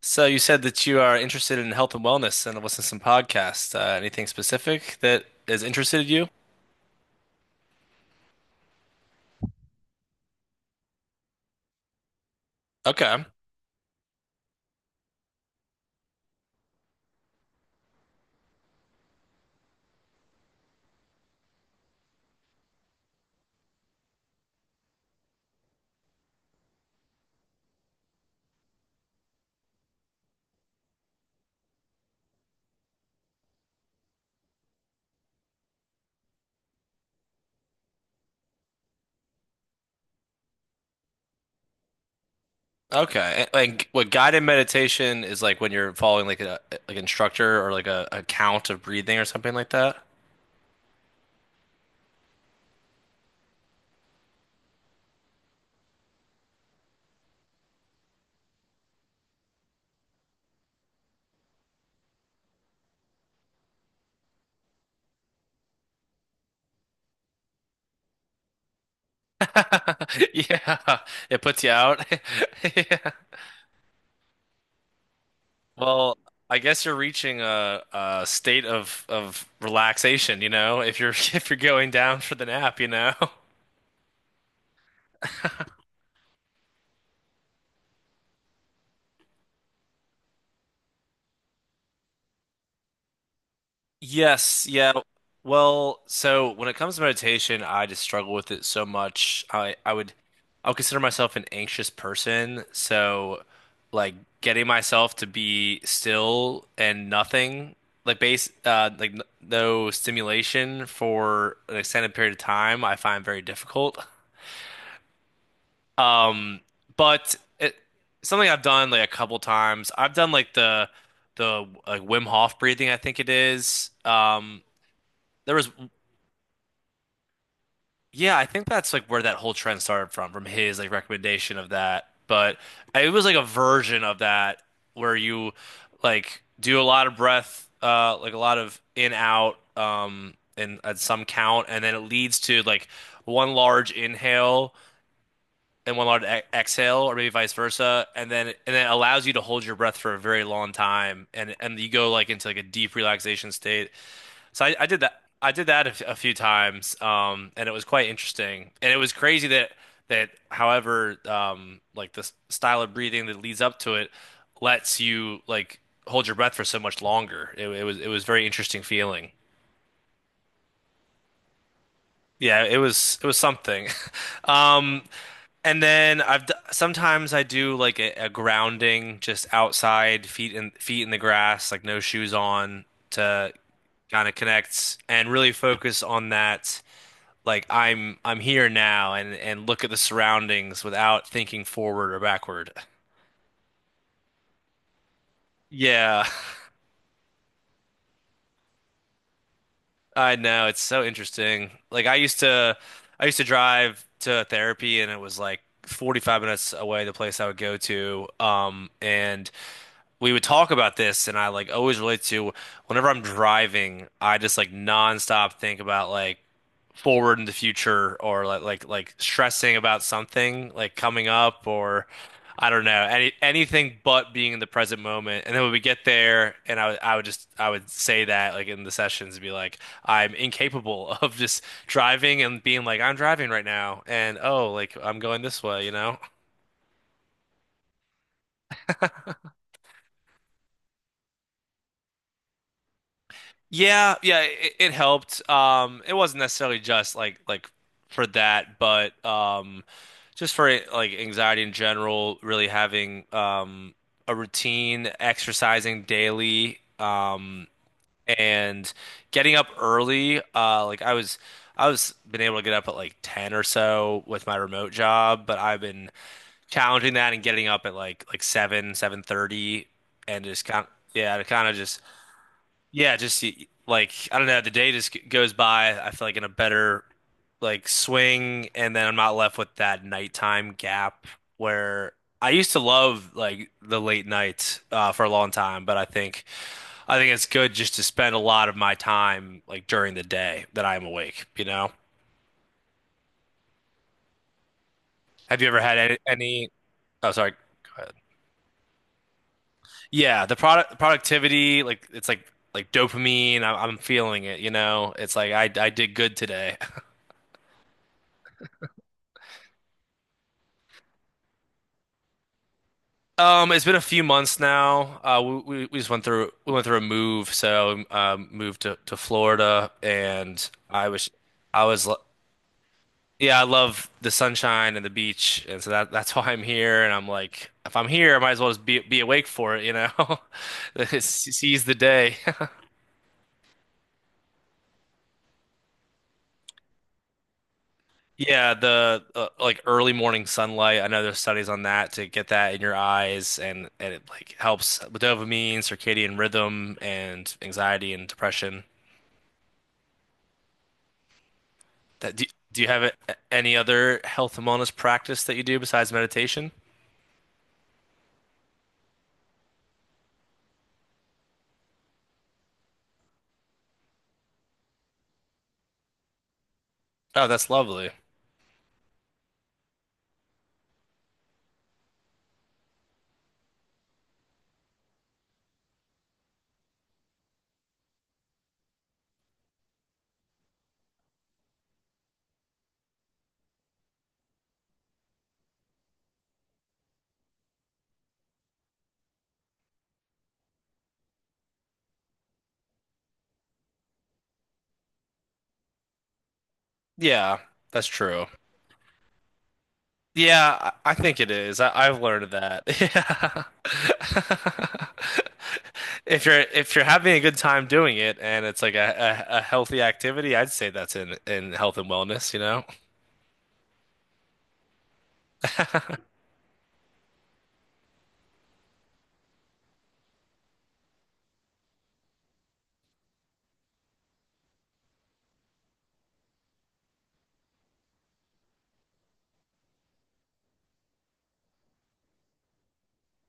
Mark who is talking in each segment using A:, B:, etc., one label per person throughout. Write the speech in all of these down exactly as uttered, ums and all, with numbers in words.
A: So you said that you are interested in health and wellness and listen to some podcasts. Uh, anything specific that has interested you? Okay. Okay. And like what guided meditation is, like when you're following like a like instructor or like a, a count of breathing or something like that. Yeah. It puts you out. Yeah. Well, I guess you're reaching a, a state of of relaxation, you know, if you're if you're going down for the nap, you know. Yes, yeah. Well, so when it comes to meditation, I just struggle with it so much. I I would I would consider myself an anxious person, so like getting myself to be still and nothing, like base uh like n no stimulation for an extended period of time, I find very difficult. Um, but it something I've done like a couple times. I've done like the the like Wim Hof breathing, I think it is. Um there was yeah, I think that's like where that whole trend started from, from his like recommendation of that. But it was like a version of that where you like do a lot of breath, uh, like a lot of in out, um, and at some count, and then it leads to like one large inhale and one large e exhale, or maybe vice versa, and then and then it allows you to hold your breath for a very long time, and and you go like into like a deep relaxation state. So I, I did that. I did that a, f- a few times, um, and it was quite interesting. And it was crazy that that, however, um, like the s- style of breathing that leads up to it lets you like hold your breath for so much longer. It, it was it was very interesting feeling. Yeah, it was it was something. Um, and then I've d sometimes I do like a, a grounding just outside, feet in feet in the grass, like no shoes on to kind of connect and really focus on that, like I'm I'm here now and and look at the surroundings without thinking forward or backward. Yeah, I know. It's so interesting. Like I used to I used to drive to therapy and it was like forty-five minutes away the place I would go to. Um and we would talk about this and I like always relate to, whenever I'm driving, I just like nonstop think about like forward in the future or like like like stressing about something like coming up or I don't know any anything but being in the present moment, and then when we get there, and I would I would just I would say that like in the sessions, be like I'm incapable of just driving and being like I'm driving right now and oh like I'm going this way, you know. Yeah, yeah, it, it helped. Um, it wasn't necessarily just like like for that, but um, just for like anxiety in general, really having um a routine, exercising daily, um, and getting up early. Uh, like I was, I was been able to get up at like ten or so with my remote job, but I've been challenging that and getting up at like like seven, seven thirty, and just kind yeah, to kind of just yeah, just like I don't know, the day just g- goes by, I feel like in a better like swing, and then I'm not left with that nighttime gap where I used to love like the late night, uh, for a long time, but I think I think it's good just to spend a lot of my time like during the day that I'm awake, you know? Have you ever had any, any oh sorry, go ahead. Yeah, the product productivity, like it's like like dopamine, I, I'm feeling it, you know? It's like I I did good today. Um, it's been a few months now. Uh, we, we we just went through we went through a move, so um, um, moved to, to Florida, and I was I was lo- yeah, I love the sunshine and the beach, and so that that's why I'm here. And I'm like, if I'm here, I might as well just be be awake for it, you know, seize the day. Yeah, the uh, like early morning sunlight. I know there's studies on that, to get that in your eyes, and and it like helps with dopamine, circadian rhythm, and anxiety and depression. That do, do you have a- any other health and wellness practice that you do besides meditation? Oh, that's lovely. Yeah, that's true. Yeah, I, I think it is. I, I've learned that. Yeah. If you're if you're having a good time doing it and it's like a, a, a healthy activity, I'd say that's in in health and wellness, you know?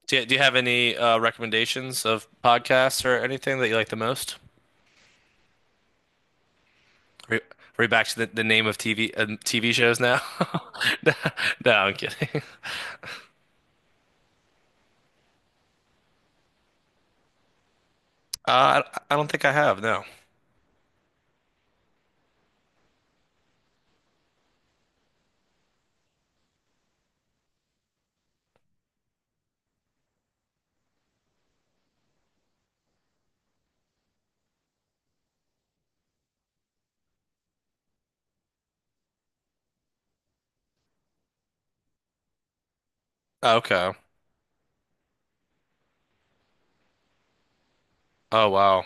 A: Do you, do you have any uh, recommendations of podcasts or anything that you like the most? Are we back to the, the name of T V uh, T V shows now? No, no, I'm kidding. Uh, I, I don't think I have, no. Okay. Oh, wow.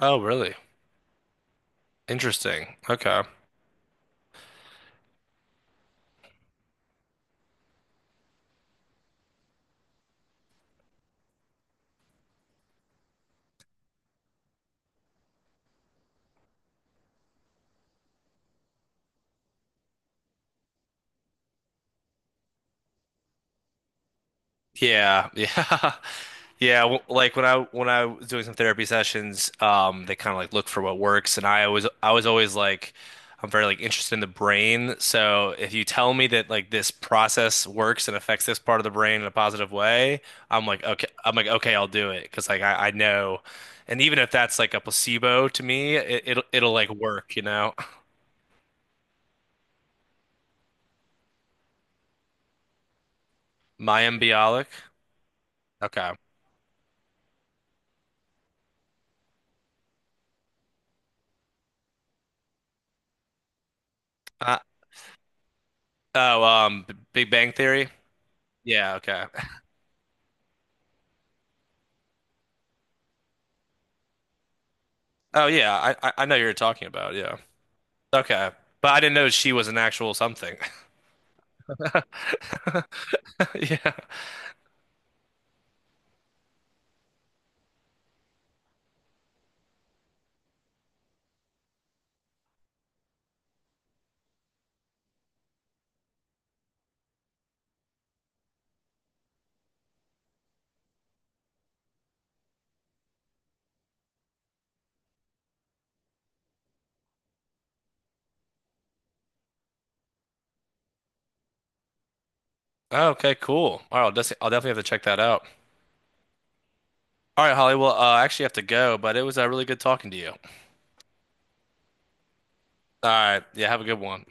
A: Oh, really? Interesting. Okay. Yeah, yeah. Yeah, w- like when I when I was doing some therapy sessions, um, they kind of like look for what works, and I always I was always like, I'm very like interested in the brain. So if you tell me that like this process works and affects this part of the brain in a positive way, I'm like okay, I'm like okay, I'll do it because like I, I know, and even if that's like a placebo to me, it, it'll it'll like work, you know. Mayim Bialik. Okay. Uh, oh, um, B- Big Bang Theory. Yeah. Okay. Oh yeah, I I I know you're talking about. Yeah. Okay. But I didn't know she was an actual something. Yeah. Oh, okay, cool. All right, I'll, des- I'll definitely have to check that out. All right, Holly. Well, uh, I actually have to go, but it was uh, really good talking to you. All right. Yeah, have a good one.